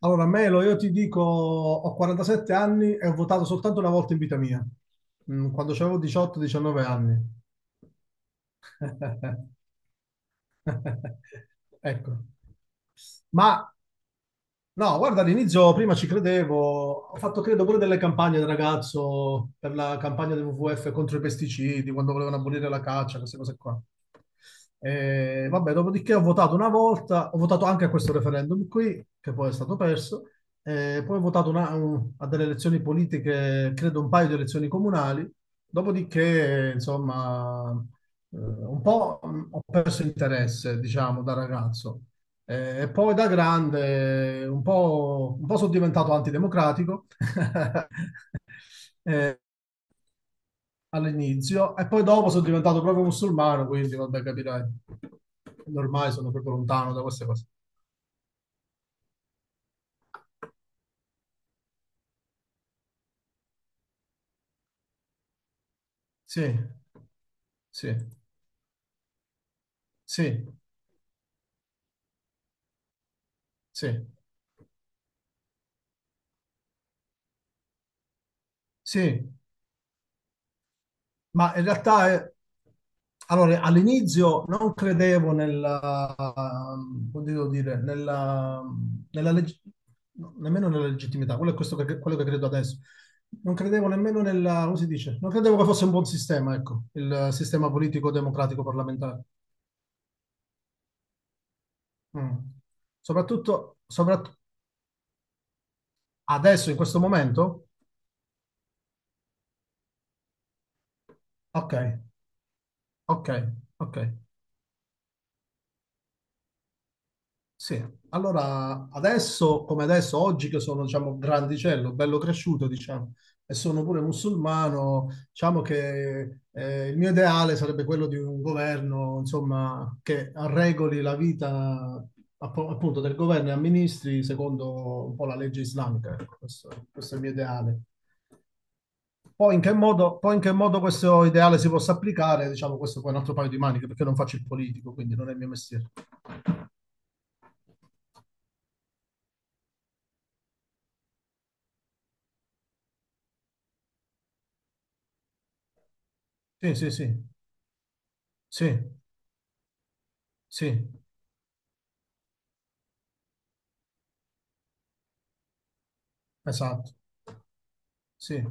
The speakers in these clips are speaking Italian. Allora, Melo, io ti dico, ho 47 anni e ho votato soltanto una volta in vita mia, quando avevo 18-19 anni. Ecco. Ma No, guarda, all'inizio prima ci credevo, ho fatto credo pure delle campagne da ragazzo per la campagna del WWF contro i pesticidi, quando volevano abolire la caccia, queste cose qua. E, vabbè, dopodiché ho votato una volta, ho votato anche a questo referendum qui, che poi è stato perso, e poi ho votato a delle elezioni politiche, credo un paio di elezioni comunali, dopodiché, insomma, un po' ho perso interesse, diciamo, da ragazzo. E poi da grande un po' sono diventato antidemocratico eh, all'inizio e poi dopo sono diventato proprio musulmano, quindi vabbè, capirai. Ormai sono proprio lontano da queste cose. Sì, sì, sì, sì, sì. Ma in realtà, allora, all'inizio non credevo nella, come devo dire, nella leg- no, nemmeno nella legittimità, quello che credo adesso. Non credevo nemmeno nella, come si dice? Non credevo che fosse un buon sistema, ecco, il sistema politico-democratico parlamentare. Mm. Soprattutto, adesso, in questo momento? Ok, ok, ok. Sì, allora adesso, come adesso, oggi che sono, diciamo, grandicello, bello cresciuto, diciamo, e sono pure musulmano, diciamo che il mio ideale sarebbe quello di un governo, insomma, che regoli la vita appunto del governo e amministri secondo un po' la legge islamica. Ecco, questo è il mio ideale. Poi in che modo questo ideale si possa applicare, diciamo, questo poi è un altro paio di maniche, perché non faccio il politico, quindi non è il mio mestiere. Sì, sì, sì, sì, sì. Esatto, sì,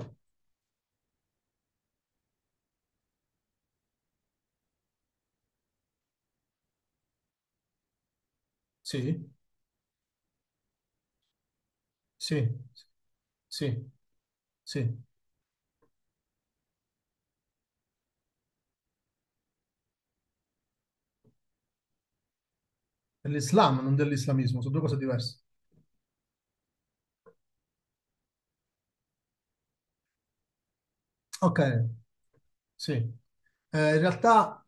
sì, sì, sì, sì. Dell'Islam, non dell'islamismo, sono due cose diverse. Ok, sì. In realtà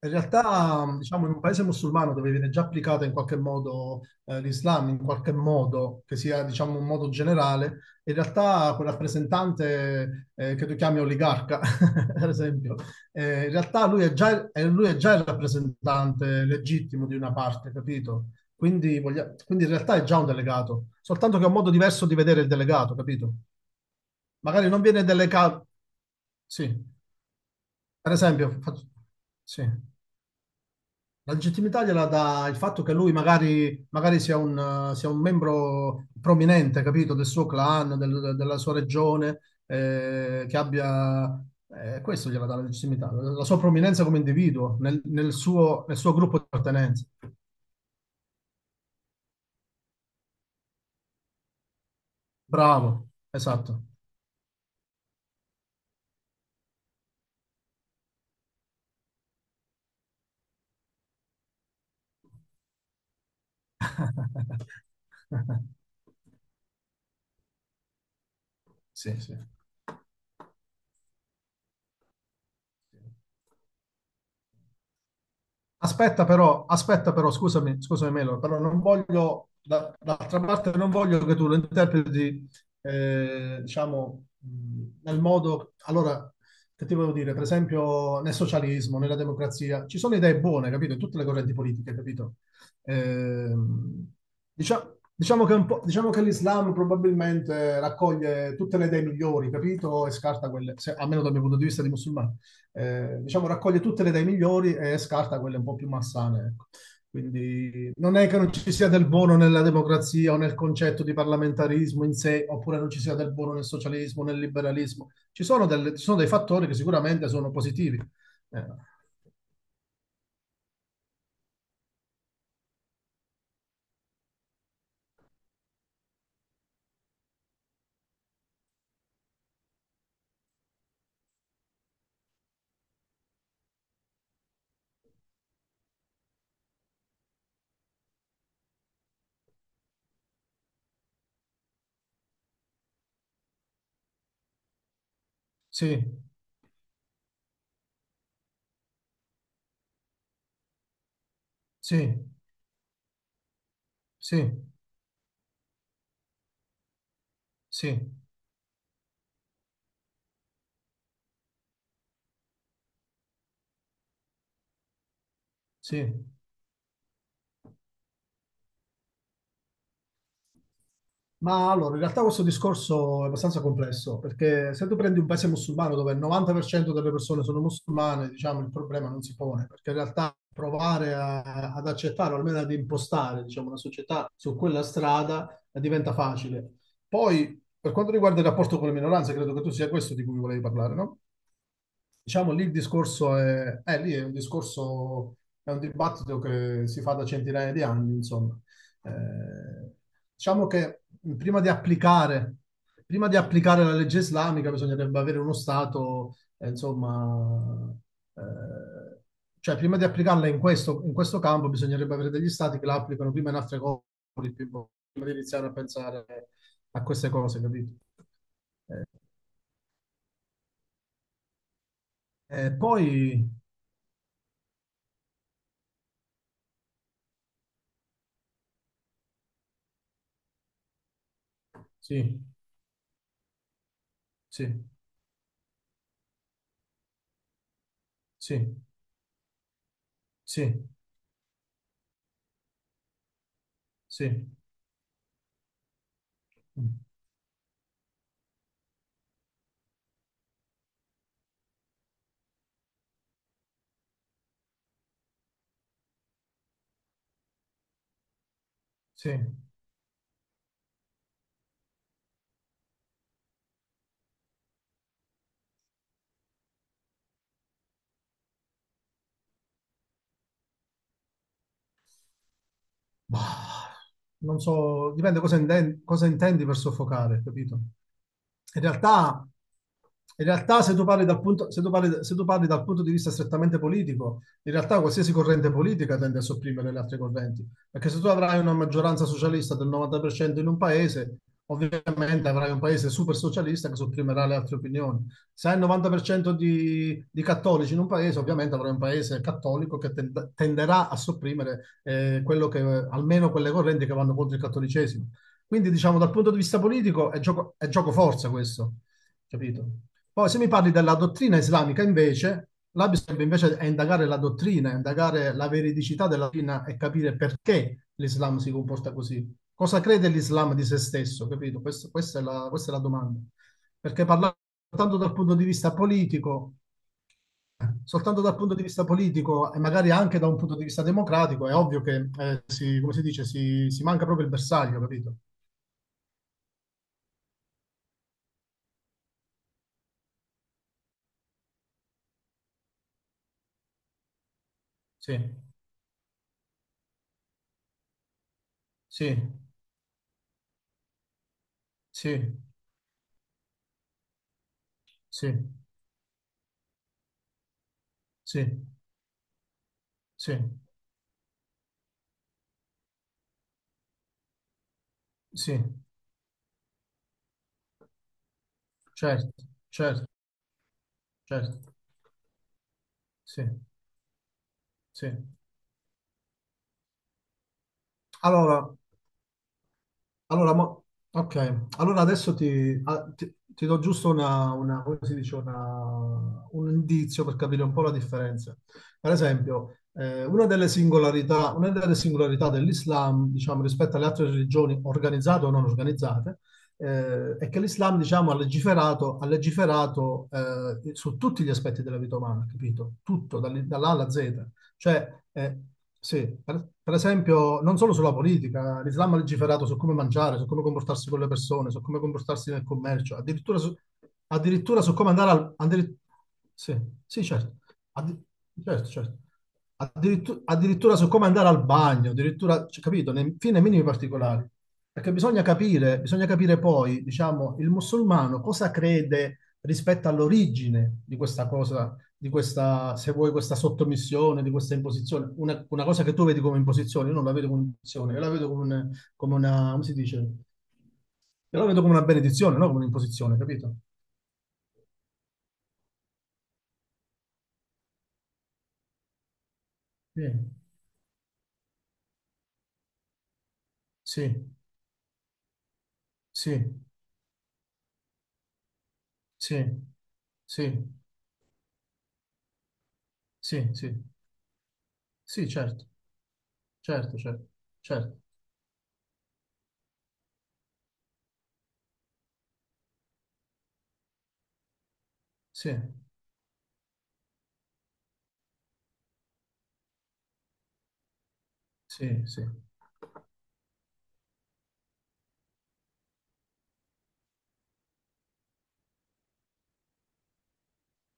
In realtà, diciamo, in un paese musulmano dove viene già applicata in qualche modo l'Islam, in qualche modo, che sia, diciamo, un modo generale, in realtà quel rappresentante che tu chiami oligarca, per esempio, in realtà lui è già il rappresentante legittimo di una parte, capito? Quindi in realtà è già un delegato, soltanto che è un modo diverso di vedere il delegato, capito? Magari non viene delegato, sì, per esempio, sì. La legittimità gliela dà il fatto che lui magari sia un membro prominente, capito, del suo clan, della sua regione, che abbia... questo gliela dà la legittimità, la sua prominenza come individuo nel suo gruppo di appartenenza. Bravo, esatto. Sì, sì. Aspetta però, scusami, scusami Melo, però non voglio, d'altra parte non voglio che tu lo interpreti, diciamo, nel modo, allora, che ti volevo dire, per esempio nel socialismo, nella democrazia, ci sono idee buone, capito, in tutte le correnti politiche, capito? Ehm, diciamo, che un po', diciamo che l'Islam probabilmente raccoglie tutte le idee migliori, capito, e scarta quelle, almeno dal mio punto di vista di musulmano diciamo, raccoglie tutte le idee migliori e scarta quelle un po' più massane. Ecco. Quindi non è che non ci sia del buono nella democrazia o nel concetto di parlamentarismo in sé, oppure non ci sia del buono nel socialismo, nel liberalismo. Ci sono dei fattori che sicuramente sono positivi. Eh, sì, sì, sì, sì, sì. Ma allora, in realtà questo discorso è abbastanza complesso, perché se tu prendi un paese musulmano dove il 90% delle persone sono musulmane, diciamo, il problema non si pone, perché in realtà provare ad accettare, o almeno ad impostare, diciamo, una società su quella strada diventa facile. Poi, per quanto riguarda il rapporto con le minoranze, credo che tu sia questo di cui volevi parlare, no? Diciamo lì il discorso è, lì è un discorso, è un dibattito che si fa da centinaia di anni, insomma. Eh, diciamo che prima di applicare, prima di applicare la legge islamica bisognerebbe avere uno Stato, insomma, eh, cioè prima di applicarla in questo, campo bisognerebbe avere degli Stati che la applicano prima in altre cose, prima di iniziare a pensare a queste cose, capito? Eh, poi, sì, sì. Sì, sì, sì, mm, sì. Ma non so, dipende cosa intendi per soffocare, capito? In realtà, in realtà se tu parli dal punto, se tu parli- se tu parli dal punto di vista strettamente politico, in realtà qualsiasi corrente politica tende a sopprimere le altre correnti, perché se tu avrai una maggioranza socialista del 90% in un paese, ovviamente avrai un paese super socialista che sopprimerà le altre opinioni. Se hai il 90% di cattolici in un paese, ovviamente avrai un paese cattolico che tenderà a sopprimere quello che, almeno quelle correnti che vanno contro il cattolicesimo. Quindi, diciamo, dal punto di vista politico è gioco forza questo, capito? Poi se mi parli della dottrina islamica, invece, là bisogna invece è indagare la dottrina, indagare la veridicità della dottrina e capire perché l'Islam si comporta così. Cosa crede l'Islam di se stesso, capito? Questa è la, domanda. Perché parlare soltanto dal punto di vista politico, soltanto dal punto di vista politico e magari anche da un punto di vista democratico, è ovvio che, si, come si dice, si manca proprio il bersaglio, capito? Sì. Sì, sì, sì, sì, sì, sì, certo, certo, certo, sì, sì. Allora, Allora, ok, allora adesso ti do giusto una, come si dice, un indizio per capire un po' la differenza. Per esempio, una delle singolarità dell'Islam, diciamo, rispetto alle altre religioni organizzate o non organizzate, è che l'Islam, diciamo, ha legiferato, su tutti gli aspetti della vita umana, capito? Tutto, dall'A alla Z. Cioè, sì, per esempio, non solo sulla politica, l'Islam ha legiferato su come mangiare, su come comportarsi con le persone, su come comportarsi nel commercio, addirittura su come andare al, sì, sì, certo. Addi- certo, certo. Addirittura su come andare al bagno, addirittura, cioè, capito, nei, fin nei minimi particolari. Perché bisogna capire poi, diciamo, il musulmano cosa crede rispetto all'origine di questa cosa, di questa, se vuoi, questa sottomissione, di questa imposizione. Una cosa che tu vedi come imposizione, io non la vedo come imposizione, io la vedo come una, come si dice? Io la vedo come una benedizione, no? Come un'imposizione, capito? Sì, sì, sì, sì, sì, sì, sì, sì, certo, certo, certo, certo, sì, sì, sì.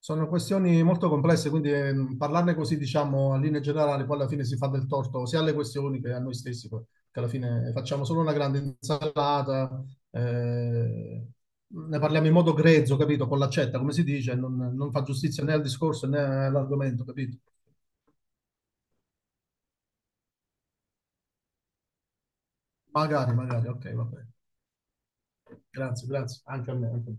Sono questioni molto complesse, quindi parlarne così, diciamo, a linea generale, poi alla fine si fa del torto sia alle questioni che a noi stessi, poi, che alla fine facciamo solo una grande insalata, eh, ne parliamo in modo grezzo, capito? Con l'accetta, come si dice, non fa giustizia né al discorso né all'argomento, capito? Magari, magari, ok, va bene. Grazie, grazie, anche a me. Anche a me.